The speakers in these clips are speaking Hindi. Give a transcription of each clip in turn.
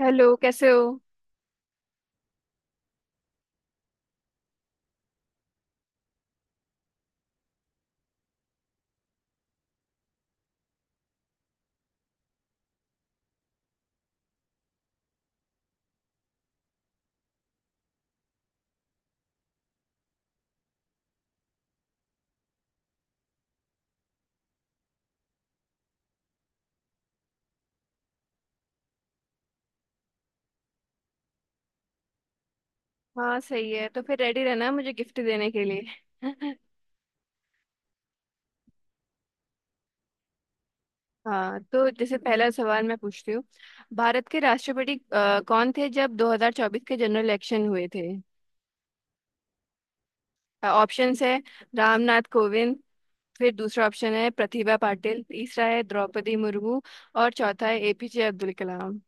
हेलो, कैसे हो। हाँ, सही है। तो फिर रेडी रहना मुझे गिफ्ट देने के लिए। हाँ, तो जैसे पहला सवाल मैं पूछती हूँ। भारत के राष्ट्रपति कौन थे जब 2024 के जनरल इलेक्शन हुए थे? ऑप्शंस है। रामनाथ कोविंद। फिर दूसरा ऑप्शन है प्रतिभा पाटिल। तीसरा है द्रौपदी मुर्मू और चौथा है एपीजे अब्दुल कलाम।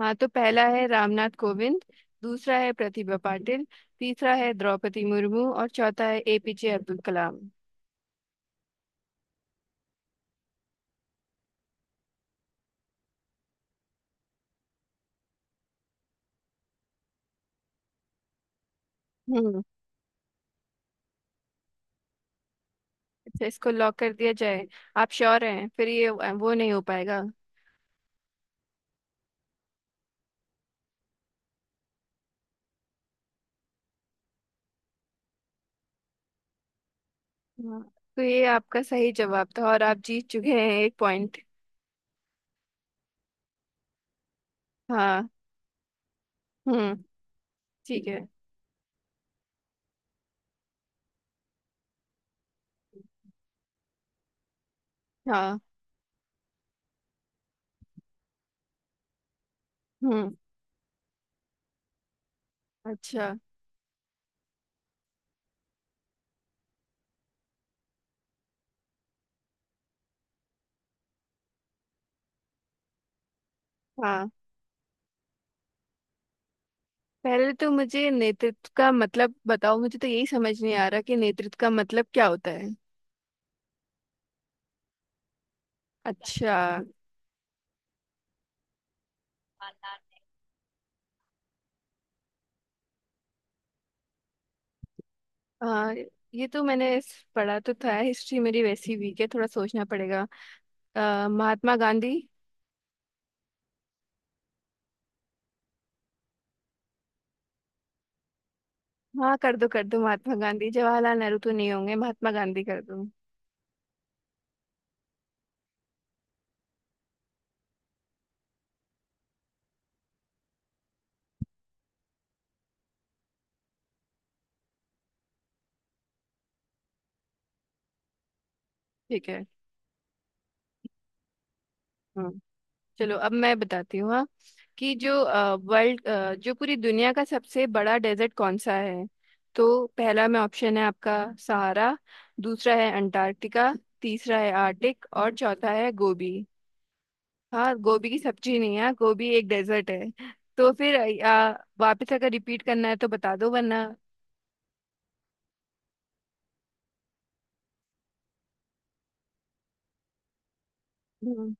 हाँ, तो पहला है रामनाथ कोविंद। दूसरा है प्रतिभा पाटिल। तीसरा है द्रौपदी मुर्मू और चौथा है एपीजे अब्दुल कलाम। हम्म तो इसको लॉक कर दिया जाए। आप श्योर हैं? फिर ये वो नहीं हो पाएगा। हाँ। तो ये आपका सही जवाब था और आप जीत चुके हैं एक पॉइंट। हाँ। हम्म। ठीक है। हाँ। हम्म। अच्छा। हाँ। पहले तो मुझे नेतृत्व का मतलब बताओ। मुझे तो यही समझ नहीं आ रहा कि नेतृत्व का मतलब क्या होता है। अच्छा। आ, ये तो मैंने पढ़ा तो था। हिस्ट्री मेरी वैसी वीक है, थोड़ा सोचना पड़ेगा। महात्मा गांधी। हाँ, कर दो कर दो। महात्मा गांधी। जवाहरलाल नेहरू तो नहीं होंगे। महात्मा गांधी कर दो। ठीक है। हाँ, चलो अब मैं बताती हूँ। हाँ। कि वर्ल्ड जो पूरी दुनिया का सबसे बड़ा डेजर्ट कौन सा है? तो पहला में ऑप्शन है आपका। सहारा। दूसरा है अंटार्कटिका। तीसरा है आर्टिक और चौथा है गोबी। हाँ, गोबी की सब्जी नहीं है, गोबी एक डेजर्ट है। तो फिर आ, वापस अगर रिपीट करना है तो बता दो, वरना। हम्म।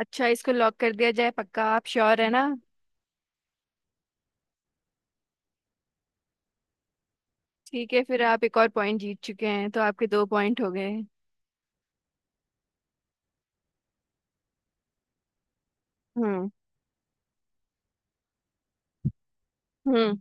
अच्छा, इसको लॉक कर दिया जाए? पक्का आप श्योर है ना? ठीक है, फिर आप एक और पॉइंट जीत चुके हैं। तो आपके दो पॉइंट हो गए। हम्म। हम्म।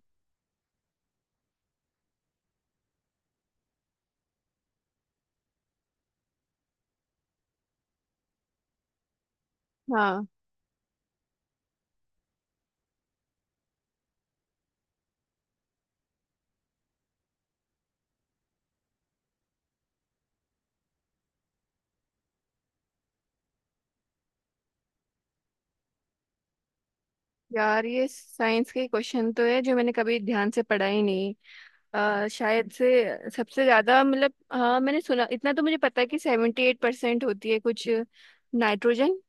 हाँ। यार, ये साइंस के क्वेश्चन तो है जो मैंने कभी ध्यान से पढ़ा ही नहीं। शायद से सबसे ज्यादा, मतलब, हाँ मैंने सुना, इतना तो मुझे पता है कि 78% होती है कुछ नाइट्रोजन।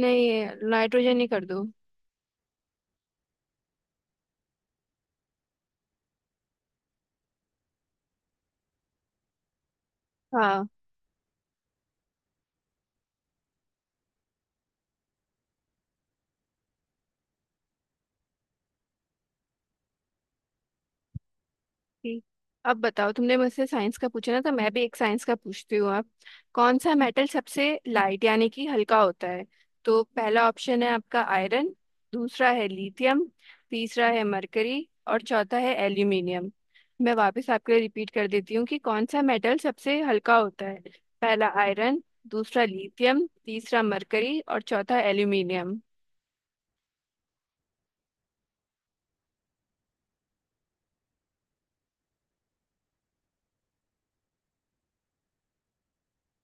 नहीं, नाइट्रोजन ही कर दो। हाँ। ठीक। अब बताओ, तुमने मुझसे साइंस का पूछा ना? तो मैं भी एक साइंस का पूछती हूँ आप। कौन सा मेटल सबसे लाइट, यानी कि हल्का होता है? तो पहला ऑप्शन है आपका। आयरन। दूसरा है लिथियम। तीसरा है मरकरी और चौथा है एल्यूमिनियम। मैं वापस आपके लिए रिपीट कर देती हूँ कि कौन सा मेटल सबसे हल्का होता है। पहला आयरन। दूसरा लिथियम। तीसरा मरकरी और चौथा एल्यूमिनियम।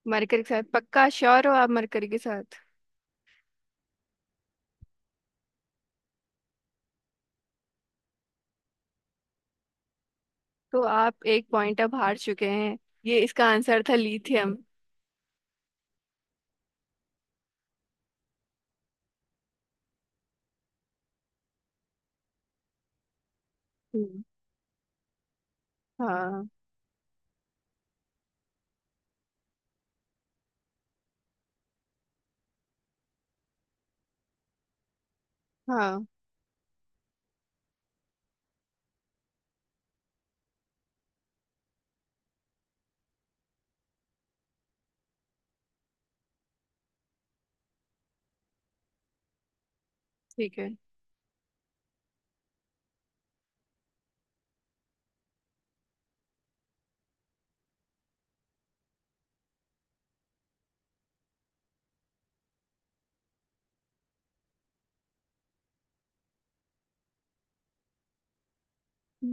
मरकरी के साथ? पक्का श्योर हो आप मरकरी के साथ? तो आप एक पॉइंट अब हार चुके हैं। ये इसका आंसर था लिथियम। हम्म। हाँ। हाँ। ठीक है।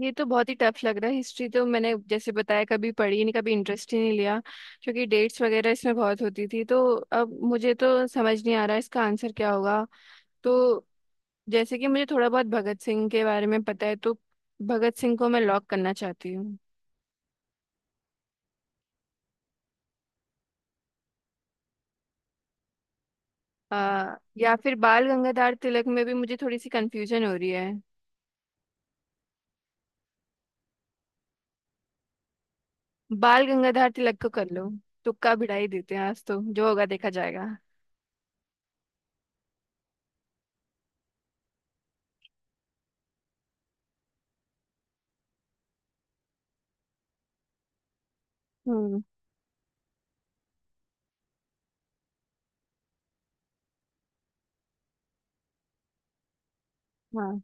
ये तो बहुत ही टफ लग रहा है। हिस्ट्री तो मैंने, जैसे बताया, कभी पढ़ी नहीं, कभी इंटरेस्ट ही नहीं लिया। क्योंकि डेट्स वगैरह इसमें बहुत होती थी, तो अब मुझे तो समझ नहीं आ रहा इसका आंसर क्या होगा। तो जैसे कि मुझे थोड़ा बहुत भगत सिंह के बारे में पता है तो। भगत सिंह को मैं लॉक करना चाहती हूँ। या फिर बाल गंगाधर तिलक में भी मुझे थोड़ी सी कंफ्यूजन हो रही है। बाल गंगाधर तिलक को कर लो। तुक्का भिड़ाई देते हैं, आज तो जो होगा देखा जाएगा। हम्म। हाँ।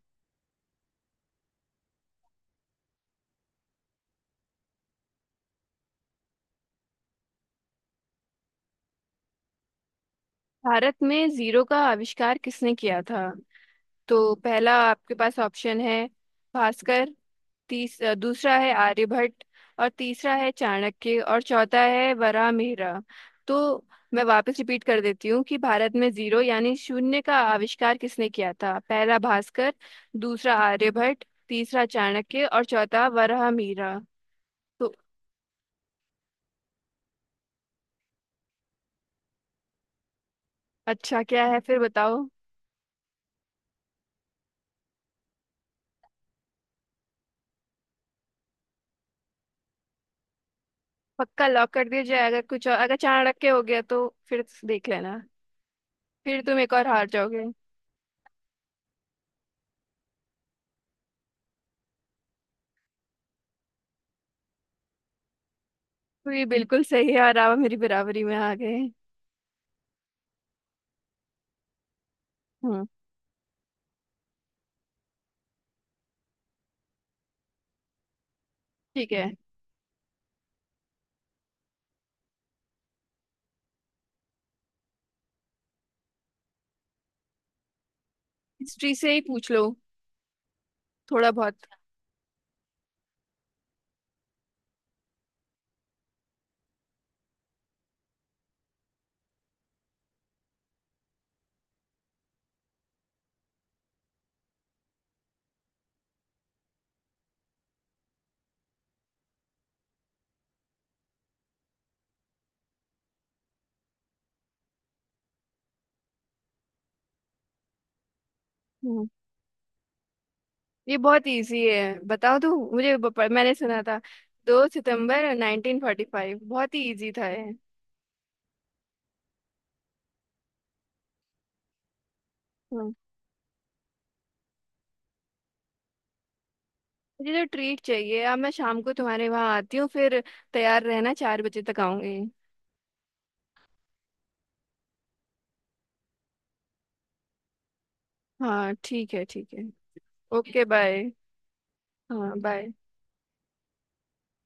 भारत में जीरो का आविष्कार किसने किया था? तो पहला आपके पास ऑप्शन है भास्कर। दूसरा है आर्यभट्ट और तीसरा है चाणक्य और चौथा है वराहमिहिर। तो मैं वापस रिपीट कर देती हूँ कि भारत में जीरो यानी शून्य का आविष्कार किसने किया था? पहला भास्कर। दूसरा आर्यभट्ट। तीसरा चाणक्य और चौथा वराहमिहिर। तो? अच्छा, क्या है फिर बताओ? पक्का लॉक कर दिया जाए? अगर कुछ और, अगर चाणक्य के हो गया तो फिर देख लेना। फिर तुम एक और हार जाओगे। तो ये बिल्कुल सही है और आप मेरी बराबरी में आ गए। हम्म। ठीक है। हिस्ट्री से ही पूछ लो, थोड़ा बहुत। हम्म ये बहुत इजी है, बताओ तो मुझे मैंने सुना था। 2 सितंबर 1945। बहुत ही इजी था ये। हम्म मुझे तो ट्रीट चाहिए। अब मैं शाम को तुम्हारे वहाँ आती हूँ फिर। तैयार रहना, 4 बजे तक आऊंगी। हाँ, ठीक है। ठीक है। Okay, bye. हाँ, बाय।